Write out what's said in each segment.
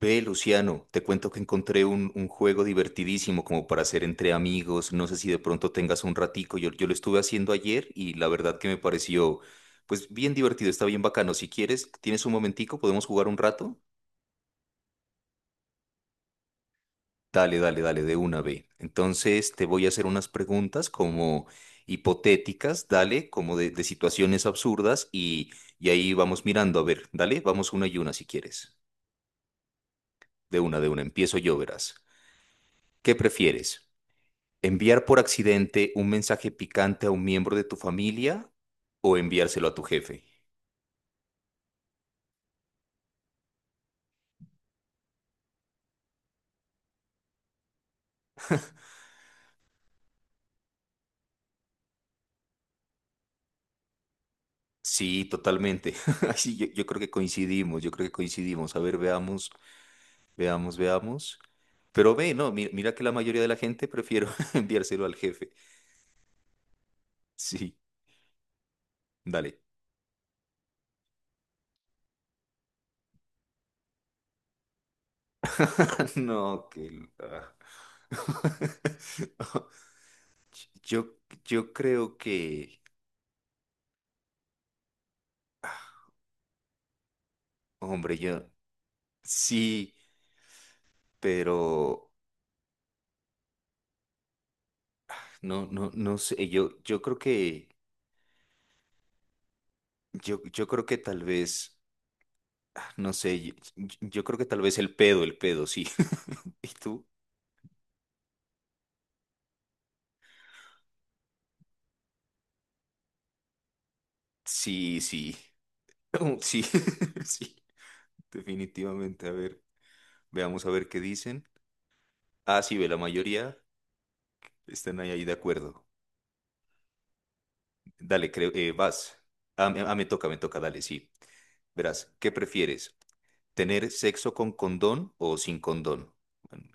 Ve, Luciano, te cuento que encontré un juego divertidísimo como para hacer entre amigos. No sé si de pronto tengas un ratico. Yo lo estuve haciendo ayer y la verdad que me pareció, pues bien divertido, está bien bacano. Si quieres, tienes un momentico, podemos jugar un rato. Dale, dale, dale, de una ve. Entonces te voy a hacer unas preguntas como hipotéticas, dale, como de situaciones absurdas y ahí vamos mirando. A ver, dale, vamos una y una si quieres. De una, empiezo yo, verás. ¿Qué prefieres? ¿Enviar por accidente un mensaje picante a un miembro de tu familia o enviárselo a tu jefe? Sí, totalmente. Ay, sí, yo creo que coincidimos, yo creo que coincidimos. A ver, veamos, veamos, veamos. Pero ve, no, mira que la mayoría de la gente prefiero enviárselo al jefe. Sí, dale. No, que... la- Yo, yo creo que, hombre, yo sí, pero no, no, no sé, yo creo que... Yo creo que tal vez, no sé, yo creo que tal vez el pedo, sí. ¿Y tú? Sí, sí. Sí, sí, definitivamente. A ver, veamos a ver qué dicen. Ah, sí, ve, la mayoría están ahí, ahí de acuerdo. Dale, creo, vas. Me toca, me toca, dale, sí. Verás, ¿qué prefieres? ¿Tener sexo con condón o sin condón? Bueno,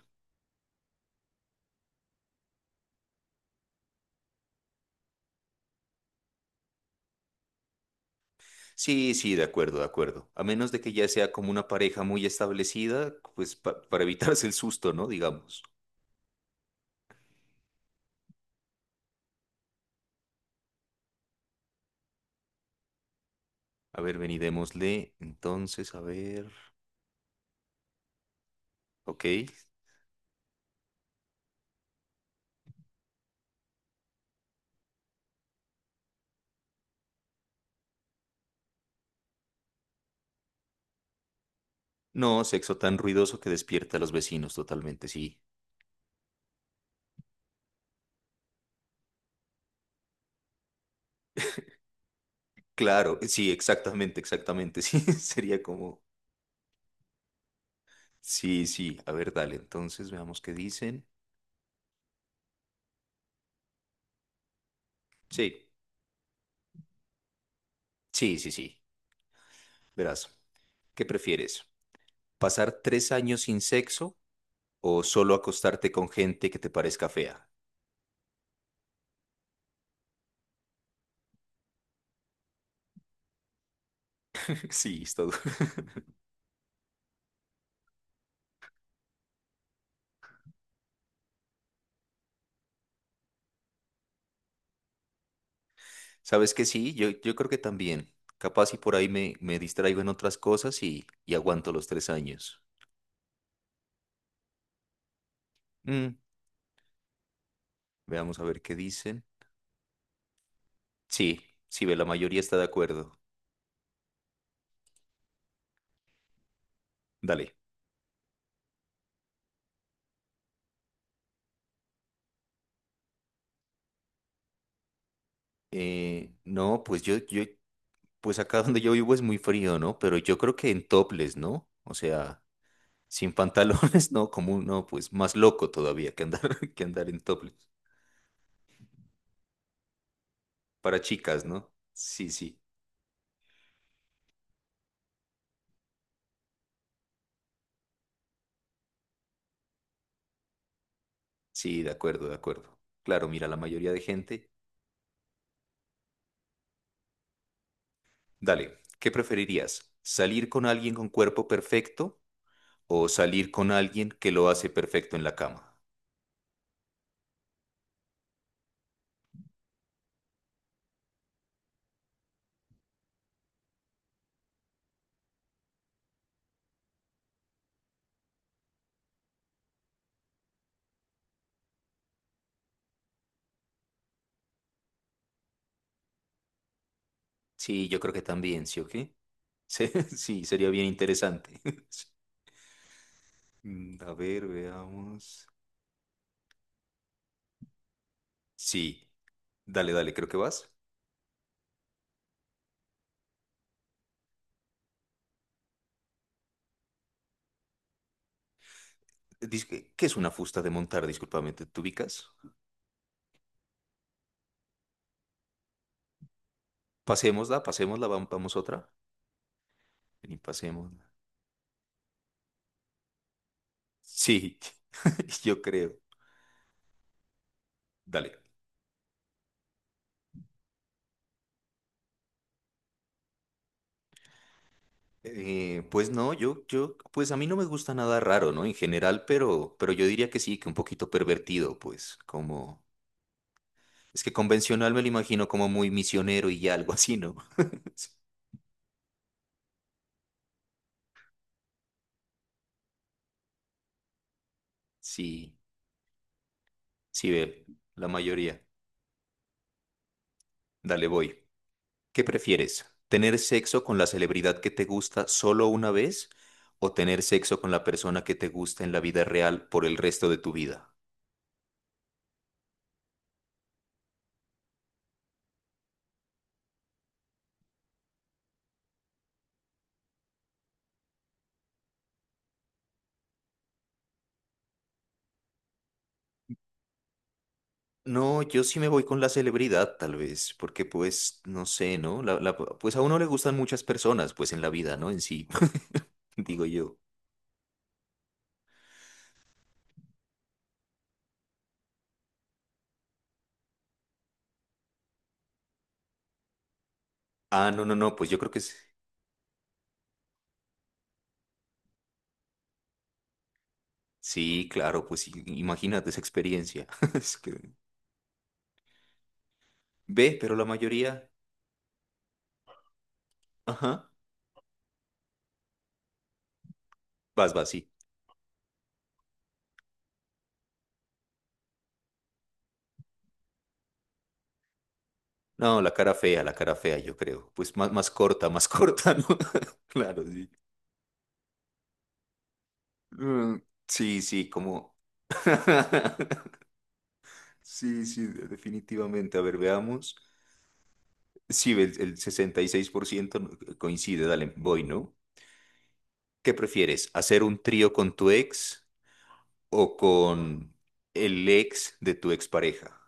sí, sí, de acuerdo, de acuerdo. A menos de que ya sea como una pareja muy establecida, pues para evitarse el susto, ¿no? Digamos. A ver, vení, démosle. Entonces, a ver. Ok. No, sexo tan ruidoso que despierta a los vecinos totalmente, sí. Claro, sí, exactamente, exactamente. Sí, sería como. Sí, sí. A ver, dale. Entonces, veamos qué dicen. Sí, sí, sí, sí. Verás. ¿Qué prefieres? ¿Pasar 3 años sin sexo o solo acostarte con gente que te parezca fea? Sí, está duro. Sabes que sí, yo creo que también. Capaz y por ahí me distraigo en otras cosas y aguanto los 3 años. Mm, veamos a ver qué dicen. Sí, sí, ve, la mayoría está de acuerdo. Dale. No, pues yo, pues acá donde yo vivo es muy frío, ¿no? Pero yo creo que en topless, ¿no? O sea, sin pantalones, no, no, pues más loco todavía que andar, que andar en topless. Para chicas, ¿no? Sí, sí, sí, de acuerdo, de acuerdo. Claro, mira, la mayoría de gente. Dale, ¿qué preferirías? ¿Salir con alguien con cuerpo perfecto o salir con alguien que lo hace perfecto en la cama? Sí, yo creo que también, ¿sí o qué? Sí, sí, sería bien interesante. A ver, veamos. Sí, dale, dale, creo que vas. Dis- ¿Qué es una fusta de montar? Discúlpame, ¿te ubicas? Pasémosla, pasémosla, vamos otra. Vení, pasémosla. Sí, yo creo. Dale. Pues no, yo, pues a mí no me gusta nada raro, ¿no? En general, pero yo diría que sí, que un poquito pervertido, pues, como, es que convencional me lo imagino como muy misionero y ya, algo así, ¿no? Sí, sí, ve, la mayoría. Dale, voy. ¿Qué prefieres? ¿Tener sexo con la celebridad que te gusta solo una vez o tener sexo con la persona que te gusta en la vida real por el resto de tu vida? No, yo sí me voy con la celebridad, tal vez, porque pues, no sé, ¿no? Pues a uno le gustan muchas personas, pues en la vida, ¿no? En sí, digo yo. Ah, no, no, no, pues yo creo que sí, claro, pues imagínate esa experiencia. Es que- Ve, pero la mayoría, ajá, vas, vas, sí. No, la cara fea, yo creo. Pues más, más corta, más corta, ¿no? Claro, sí. Mm, sí, sí, como... Sí, sí, definitivamente. A ver, veamos. Sí, el 66% no- coincide, dale, voy, ¿no? ¿Qué prefieres? ¿Hacer un trío con tu ex o con el ex de tu expareja?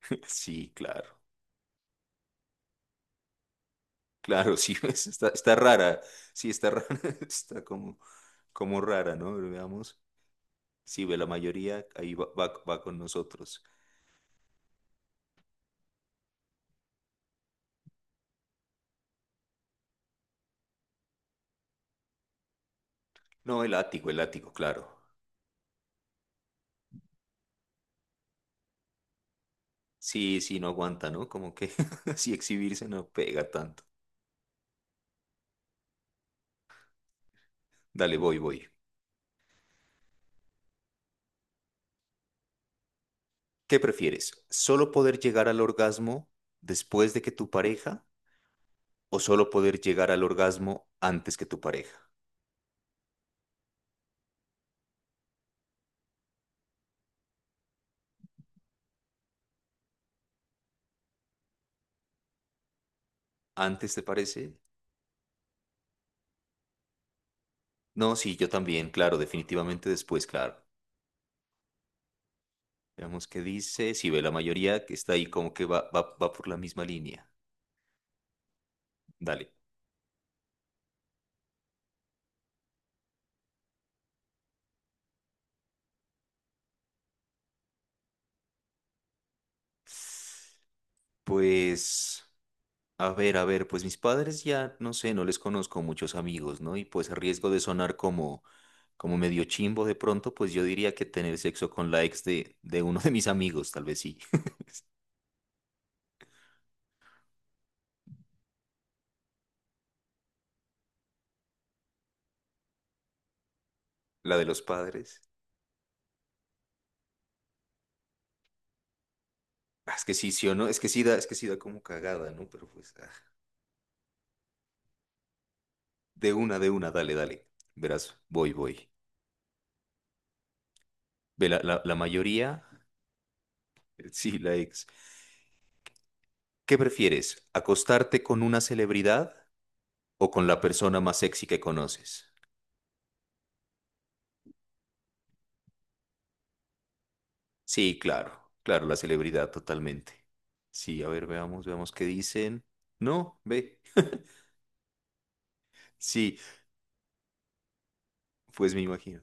Sí, claro, claro, sí, está rara, sí, está rara, está como rara, ¿no? Pero veamos, sí, ve la mayoría, ahí va, va, va con nosotros. No, el látigo, claro. Sí, sí, no aguanta, ¿no? Como que si exhibirse no pega tanto. Dale, voy, voy. ¿Qué prefieres? ¿Solo poder llegar al orgasmo después de que tu pareja o solo poder llegar al orgasmo antes que tu pareja? ¿Antes te parece? No, sí, yo también, claro, definitivamente después, claro. Veamos qué dice, si ve la mayoría que está ahí como que va, va, va por la misma línea. Dale. Pues a ver, a ver, pues mis padres ya, no sé, no les conozco muchos amigos, ¿no? Y pues a riesgo de sonar como medio chimbo de pronto, pues yo diría que tener sexo con la ex de uno de mis amigos, tal vez sí. La de los padres. Ah, es que sí, sí o no, es que sí da, es que sí da como cagada, ¿no? Pero pues, de una, dale, dale. Verás, voy, voy. Ve, la mayoría, sí, la ex. ¿Qué prefieres? ¿Acostarte con una celebridad o con la persona más sexy que conoces? Sí, claro, claro, la celebridad totalmente. Sí, a ver, veamos, veamos qué dicen. No, ve. Sí, pues me imagino.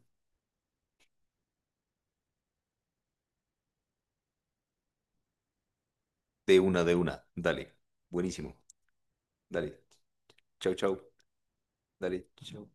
De una, de una. Dale. Buenísimo. Dale. Chau, chau. Dale. Chau.